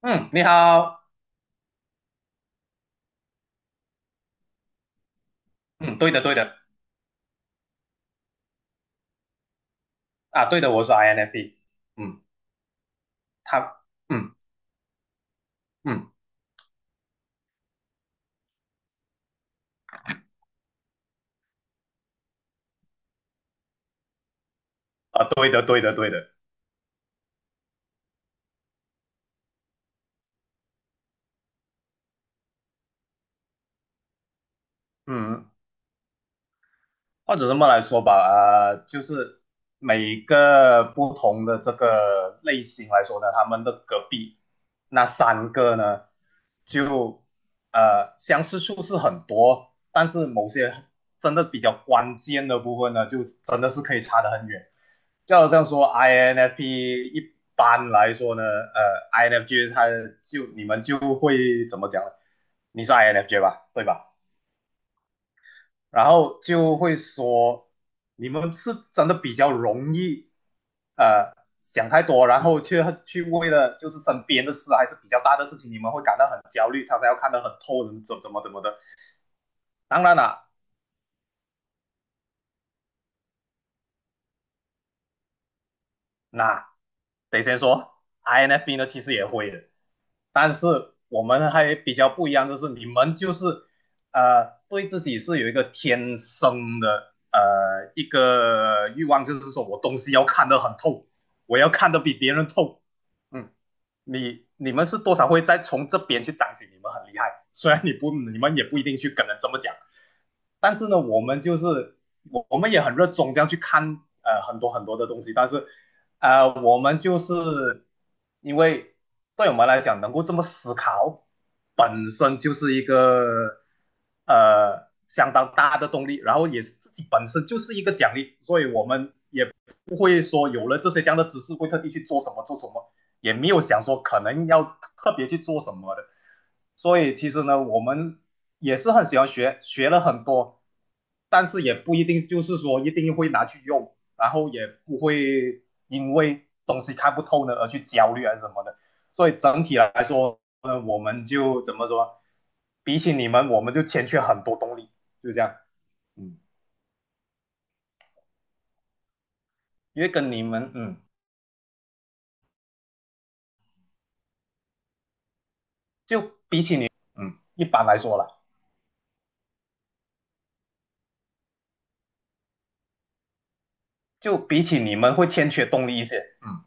嗯，你好。嗯，对的，对的。啊，对的，我是 INFP。嗯，他，嗯嗯。啊，对的，对的，对的。嗯，或者这么来说吧，就是每个不同的这个类型来说呢，他们的隔壁那三个呢，就相似处是很多，但是某些真的比较关键的部分呢，就真的是可以差得很远。就好像说 INFP 一般来说呢，INFJ 你们就会怎么讲呢？你是 INFJ 吧，对吧？然后就会说你们是真的比较容易，呃，想太多，然后却去为了就是身边的事还是比较大的事情，你们会感到很焦虑，常常要看得很透，怎么怎么怎么的。当然了、啊那得先说，INFP 呢其实也会的，但是我们还比较不一样，就是你们就是对自己是有一个天生的一个欲望，就是说我东西要看得很透，我要看得比别人透。嗯，你们是多少会再从这边去彰显你们很厉害，虽然你们也不一定去跟人这么讲。但是呢，我们就是我我们也很热衷这样去看很多很多的东西，但是我们就是因为对我们来讲能够这么思考，本身就是一个相当大的动力，然后也是自己本身就是一个奖励，所以我们不会说有了这些这样的知识会特地去做什么做什么，也没有想说可能要特别去做什么的。所以其实呢，我们也是很喜欢学，学了很多，但是也不一定就是说一定会拿去用，然后也不会因为东西看不透呢而去焦虑啊什么的。所以整体来说呢，我们就怎么说？比起你们，我们就欠缺很多动力，就这样。嗯，因为跟你们，就一般来说啦。就比起你们会欠缺动力一些。嗯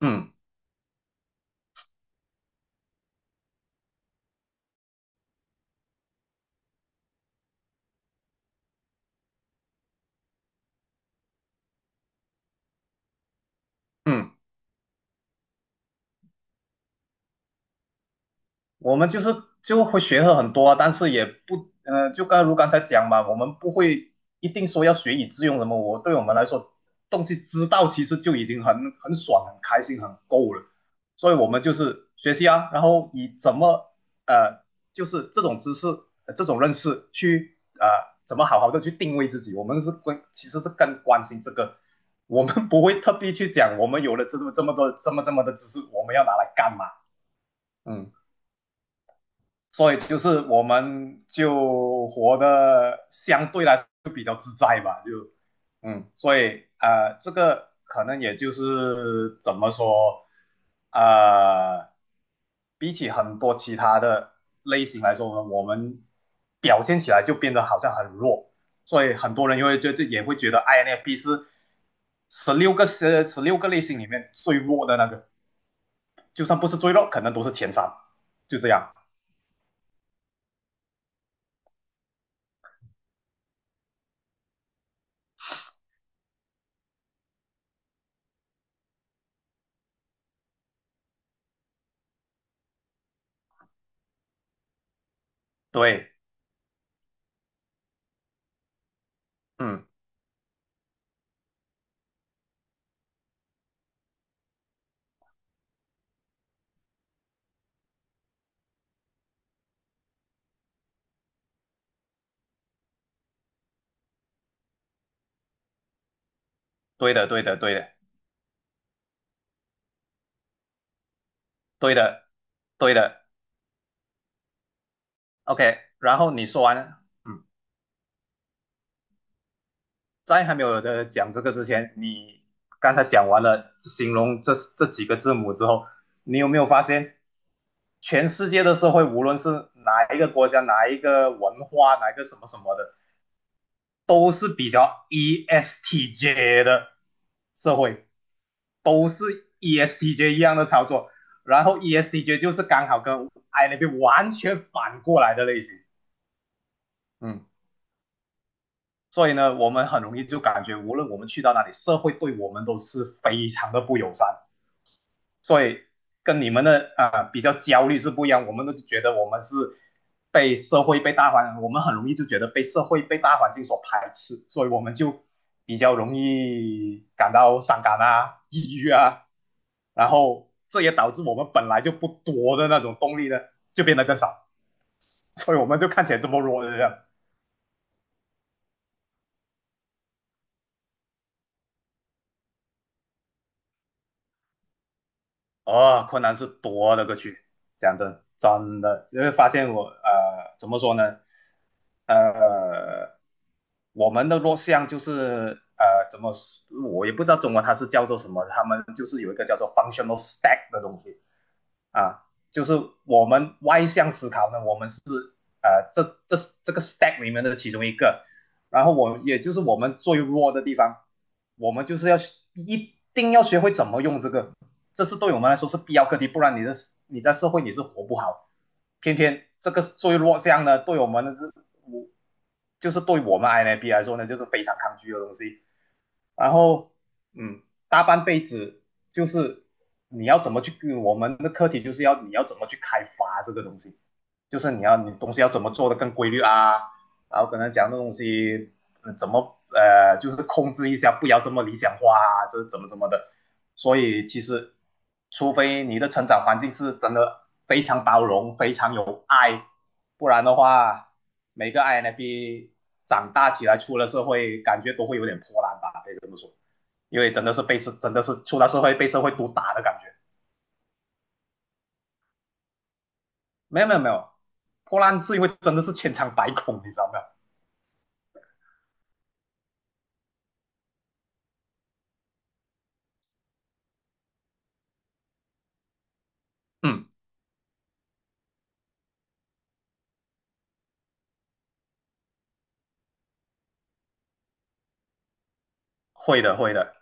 嗯嗯，我们就会学了很多啊，但是也不，就刚才讲嘛，我们不会一定说要学以致用什么。对我们来说，东西知道其实就已经很爽、很开心、很够了。所以我们就是学习啊，然后以怎么呃，就是这种知识、这种认识去怎么好好的去定位自己。我们是关，其实是更关心这个。我们不会特地去讲，我们有了这么这么多这么这么的知识，我们要拿来干嘛？嗯所以就是我们就活得相对来说就比较自在吧，就所以这个可能也就是怎么说，呃，比起很多其他的类型来说呢，我们表现起来就变得好像很弱，所以很多人就会觉得也会觉得 INFP 是十六个类型里面最弱的那个。就算不是最弱，可能都是前三，就这样。对，嗯。对的，对的，对的，对的，对的。OK，然后你说完了。嗯，在还没有的讲这个之前，你刚才讲完了形容这几个字母之后，你有没有发现，全世界的社会，无论是哪一个国家、哪一个文化、哪一个什么什么的，都是比较 ESTJ 的社会，都是 ESTJ 一样的操作，然后 ESTJ 就是刚好跟 I 那边完全反过来的类型。嗯，所以呢，我们很容易就感觉，无论我们去到哪里，社会对我们都是非常的不友善。所以跟你们的啊、比较焦虑是不一样，我们都觉得我们是被社会、被大环，我们很容易就觉得被社会、被大环境所排斥，所以我们就比较容易感到伤感啊、抑郁啊，然后这也导致我们本来就不多的那种动力呢，就变得更少，所以我们就看起来这么弱的这样。哦，困难是多了个去，讲真，真的，因为发现我怎么说呢？呃，我们的弱项就是怎么说我也不知道中文它是叫做什么，他们就是有一个叫做 functional stack 的东西。啊，就是我们外向思考呢，我们是呃这这这个 stack 里面的其中一个，然后我也就是我们最弱的地方，我们就是一定要学会怎么用这个，这是对我们来说是必要课题，不然你在社会你是活不好，偏偏这个最弱项呢，对我们的是我就是对我们 INB 来说呢，就是非常抗拒的东西。然后嗯，大半辈子就是你要怎么去，我们的课题就是要你要怎么去开发这个东西，就是你东西要怎么做的更规律啊，然后跟他讲的东西、怎么就是控制一下，不要这么理想化啊，这是怎么怎么的。所以其实，除非你的成长环境是真的非常包容、非常有爱，不然的话，每个 INFP 长大起来出了社会，感觉都会有点破烂吧，可以这么说。因为真的是出了社会被社会毒打的感觉。没有没有没有，破烂是因为真的是千疮百孔，你知道没有？嗯，会的会的。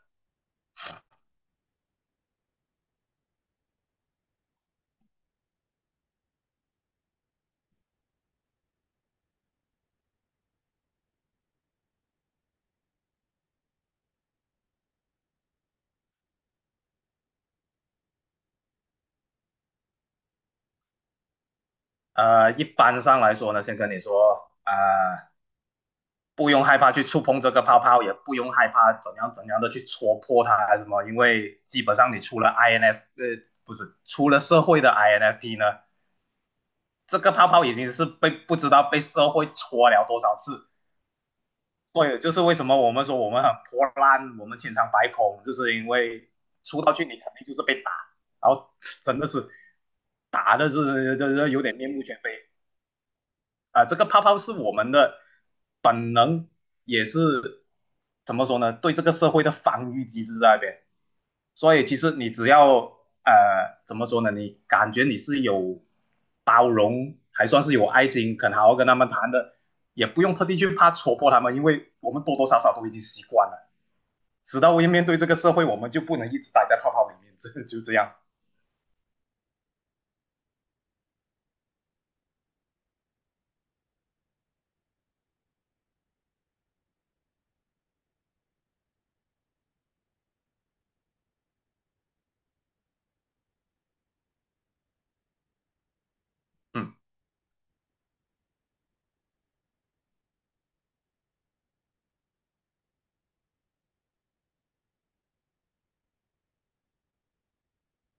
一般上来说呢，先跟你说，不用害怕去触碰这个泡泡，也不用害怕怎样怎样的去戳破它还是什么，因为基本上你出了 INF，呃，不是出了社会的 INFP 呢，这个泡泡已经是被不知道被社会戳了多少次。所以就是为什么我们说我们很破烂，我们千疮百孔，就是因为出道去你肯定就是被打，然后真的是打的是这有点面目全非。啊、这个泡泡是我们的本能，也是怎么说呢？对这个社会的防御机制在那边。所以其实你只要怎么说呢？你感觉你是有包容，还算是有爱心，肯好好跟他们谈的，也不用特地去怕戳破他们，因为我们多多少少都已经习惯了。直到我面对这个社会，我们就不能一直待在泡泡里面。这就这样。嗯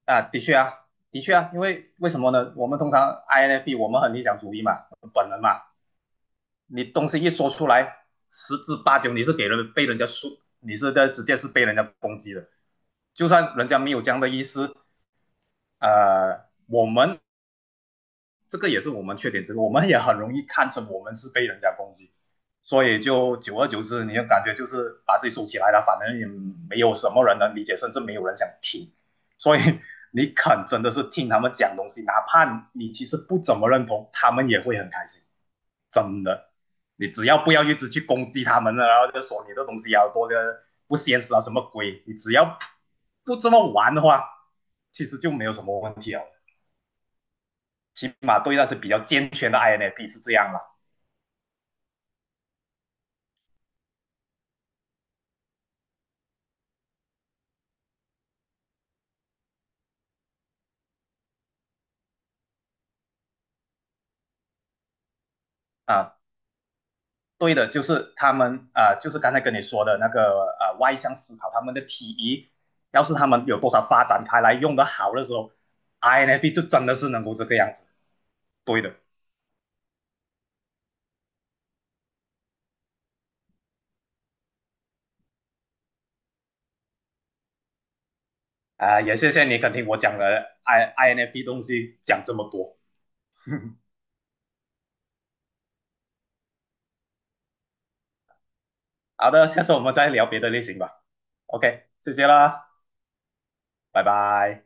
啊，的确啊，的确啊，因为为什么呢？我们通常 INFP 我们很理想主义嘛，本能嘛，你东西一说出来，十之八九你是被人家说，你是在直接是被人家攻击的。就算人家没有这样的意思，我们这个也是我们缺点之一，我们也很容易看成我们是被人家攻击，所以就久而久之，你就感觉就是把自己收起来了，反正也没有什么人能理解，甚至没有人想听，所以你肯真的是听他们讲东西，哪怕你其实不怎么认同，他们也会很开心。真的，你只要不要一直去攻击他们了，然后就说你的东西要多的不现实啊什么鬼，你只要不这么玩的话，其实就没有什么问题了。起码对那些比较健全的 INFP 是这样了啊。对的，就是他们啊、就是刚才跟你说的那个啊外向思考，他们的 TE，要是他们有多少发展开来用的好的时候，INFP 就真的是能够这个样子。对的啊、也谢谢你肯听我讲了 INFP 东西讲这么多。嗯，好的，下次我们再聊别的类型吧。OK，谢谢啦，拜拜。